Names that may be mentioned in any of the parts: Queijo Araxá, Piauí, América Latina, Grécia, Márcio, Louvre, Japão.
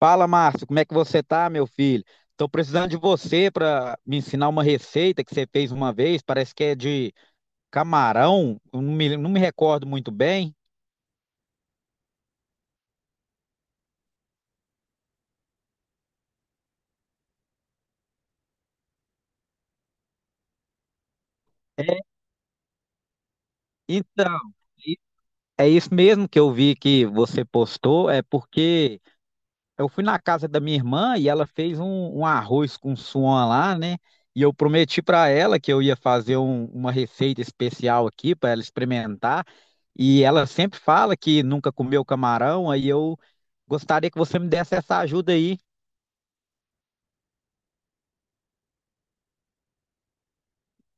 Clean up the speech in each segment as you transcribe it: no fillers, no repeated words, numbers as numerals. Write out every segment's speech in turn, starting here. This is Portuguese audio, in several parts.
Fala, Márcio, como é que você tá, meu filho? Tô precisando de você para me ensinar uma receita que você fez uma vez, parece que é de camarão, eu não me recordo muito bem. Então, i- É isso mesmo que eu vi que você postou, é porque eu fui na casa da minha irmã e ela fez um arroz com suan lá, né? E eu prometi para ela que eu ia fazer uma receita especial aqui para ela experimentar. E ela sempre fala que nunca comeu camarão, aí eu gostaria que você me desse essa ajuda aí.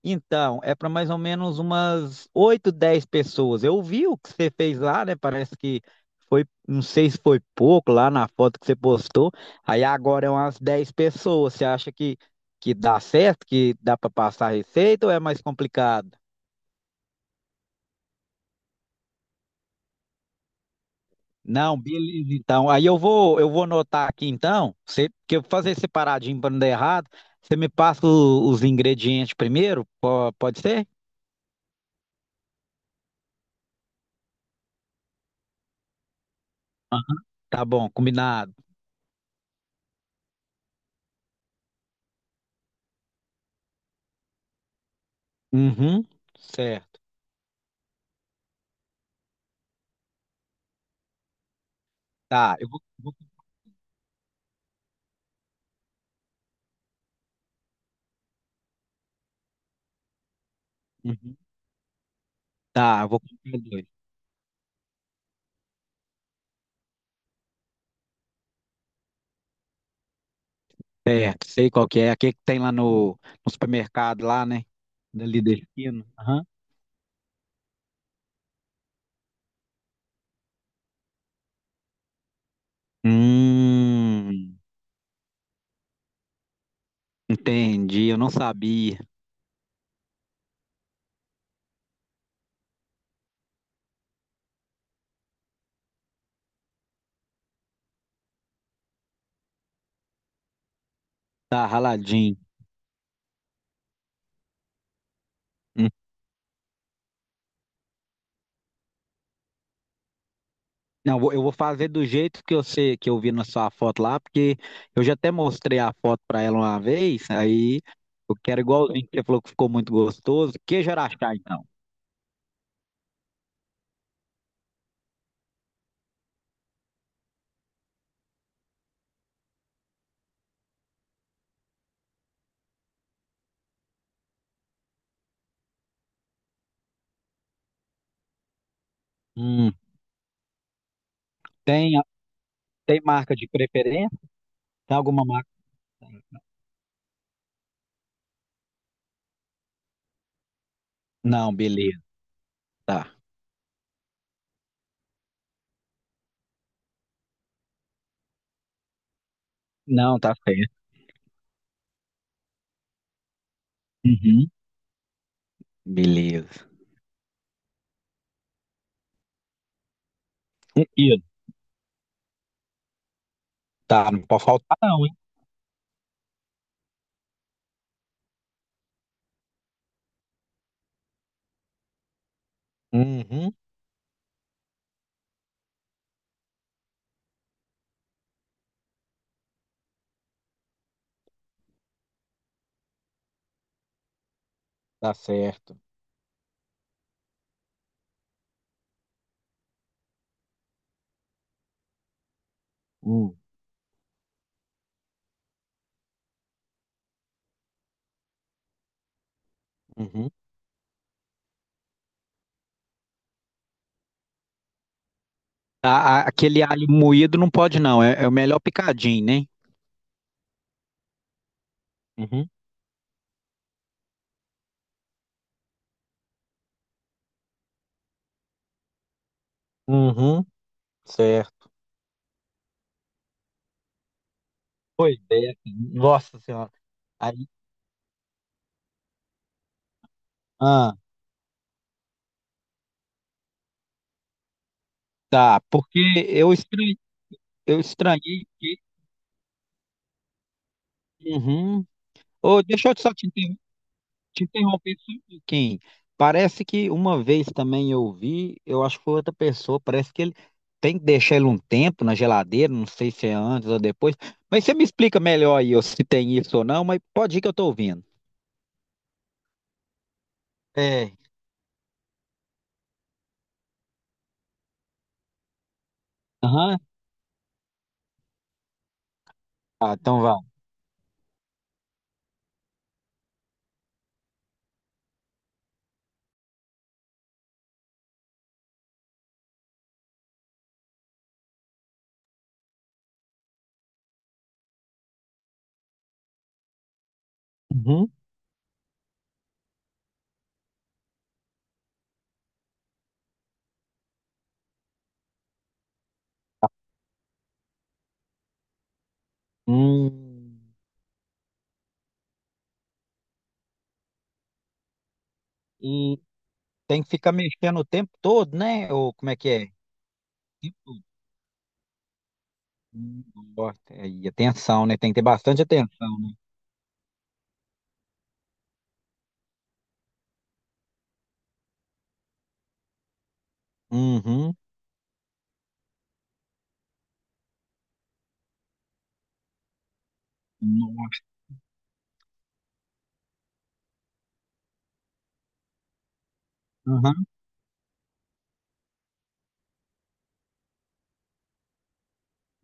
Então, é para mais ou menos umas 8 10 pessoas. Eu vi o que você fez lá, né? Parece que foi, não sei se foi pouco lá na foto que você postou. Aí agora é umas 10 pessoas. Você acha que dá certo, que dá para passar a receita ou é mais complicado? Não, beleza, então. Aí eu vou anotar aqui então, você, que eu vou fazer separadinho para não dar errado. Você me passa os ingredientes primeiro? Pode ser? Tá bom, combinado. Uhum, certo. Tá, uhum. Tá, eu vou comprar dois. Certo, sei qual que é. Aquele que tem lá no supermercado lá, né? Dali da esquina. Aham. Hum, entendi, eu não sabia. Tá raladinho. Hum. Não, eu vou fazer do jeito que eu sei, que eu vi na sua foto lá, porque eu já até mostrei a foto pra ela uma vez, aí eu quero igualzinho que você falou que ficou muito gostoso. Queijo Araxá, então. Hum, tem, tem marca de preferência? Tem alguma marca? Não, beleza. Tá. Não, tá certo. Uhum. Beleza. 1 quilo. Tá, não pode faltar não, hein? Uhum. Tá certo. Hum. Uhum. Aquele alho moído não pode não, é, é o melhor picadinho, né? Uhum. Uhum. Certo. Pois é, nossa senhora. Aí, ah, tá, porque eu estranhei, eu estranhei que. Uhum. Ô, deixa eu só te interromper. Te interromper só um pouquinho. Parece que uma vez também eu vi, eu acho que foi outra pessoa, parece que ele tem que deixar ele um tempo na geladeira, não sei se é antes ou depois. Mas você me explica melhor aí ó, se tem isso ou não, mas pode ir que eu tô ouvindo. É. Aham. Ah, então vai. Uhum. Hum. E tem que ficar mexendo o tempo todo, né? Ou como é que é? O tempo todo. Hum, nossa. E atenção, né? Tem que ter bastante atenção. Uhum. Nossa. Aham.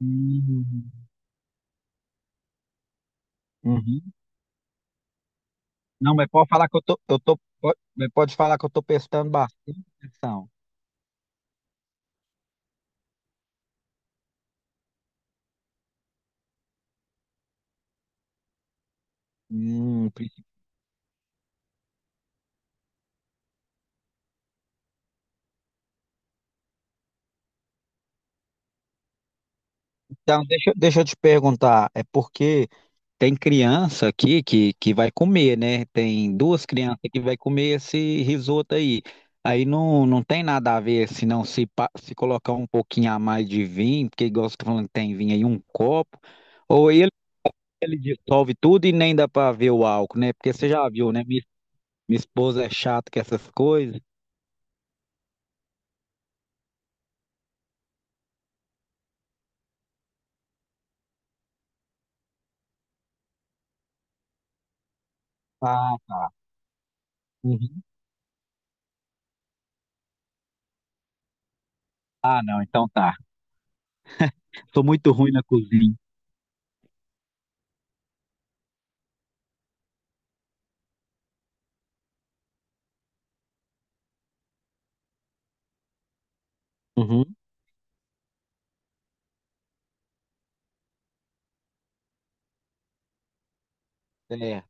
Uhum. Uhum. Não, mas pode falar que eu tô, pode, mas pode falar que eu tô prestando bastante atenção. Hum, então, deixa eu te perguntar, é porque tem criança aqui que vai comer, né? Tem duas crianças que vai comer esse risoto aí. Aí não, não tem nada a ver se não se colocar um pouquinho a mais de vinho, porque igual você tá falando que tem vinho aí, um copo, ou ele dissolve tudo e nem dá para ver o álcool, né? Porque você já viu, né? Minha esposa é chata com essas coisas. Ah, uhum. Ah, não, então tá. Sou muito ruim na cozinha. Uhum. É.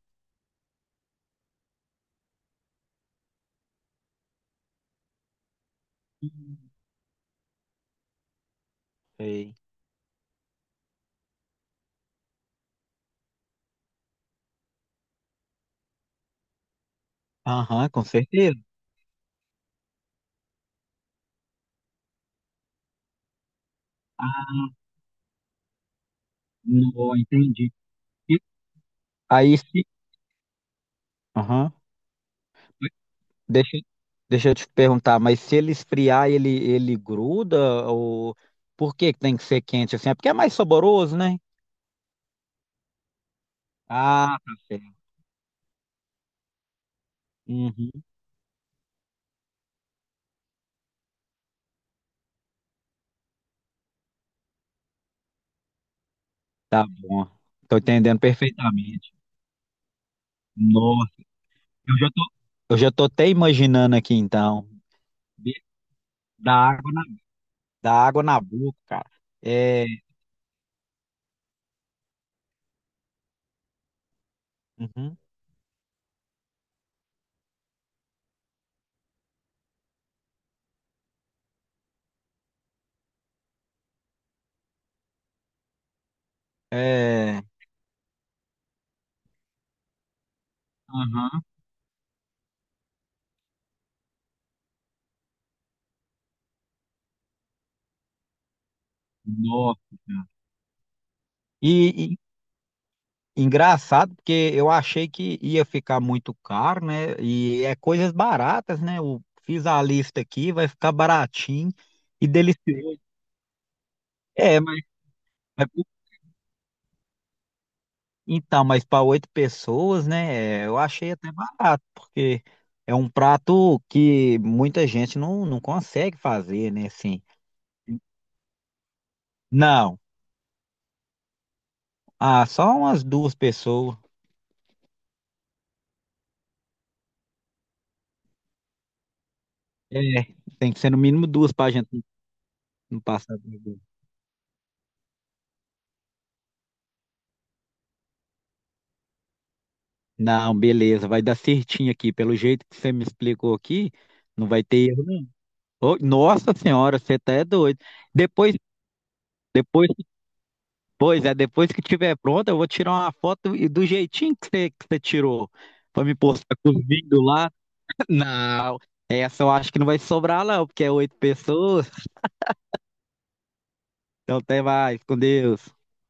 Sei. Aham, com certeza. Ah, não, entendi. E aí se. Aham. Deixa, deixa eu te perguntar, mas se ele esfriar, ele gruda? Ou por que que tem que ser quente assim? É porque é mais saboroso, né? Ah, tá certo. Uhum. Tá bom. Tô entendendo perfeitamente. Nossa, eu já tô. eu já tô até imaginando aqui então. Be- Dá água na, dá água na boca, cara. É. Uhum. É. Aham. Nossa, cara. E engraçado, porque eu achei que ia ficar muito caro, né? E é coisas baratas, né? Eu fiz a lista aqui, vai ficar baratinho e delicioso. É, mas- então, mas para oito pessoas, né? É, eu achei até barato, porque é um prato que muita gente não consegue fazer, né? Assim, não, ah, só umas duas pessoas. É, tem que ser no mínimo duas para gente. Não passa vergonha. Não, beleza, vai dar certinho aqui. Pelo jeito que você me explicou aqui, não vai ter erro, não. Ô, nossa senhora, você tá é doido. Depois, depois, pois é, depois que tiver pronto, eu vou tirar uma foto e do jeitinho que você tirou, pra me postar com os vídeos lá. Não, essa eu acho que não vai sobrar, não, porque é oito pessoas. Então até mais, com Deus.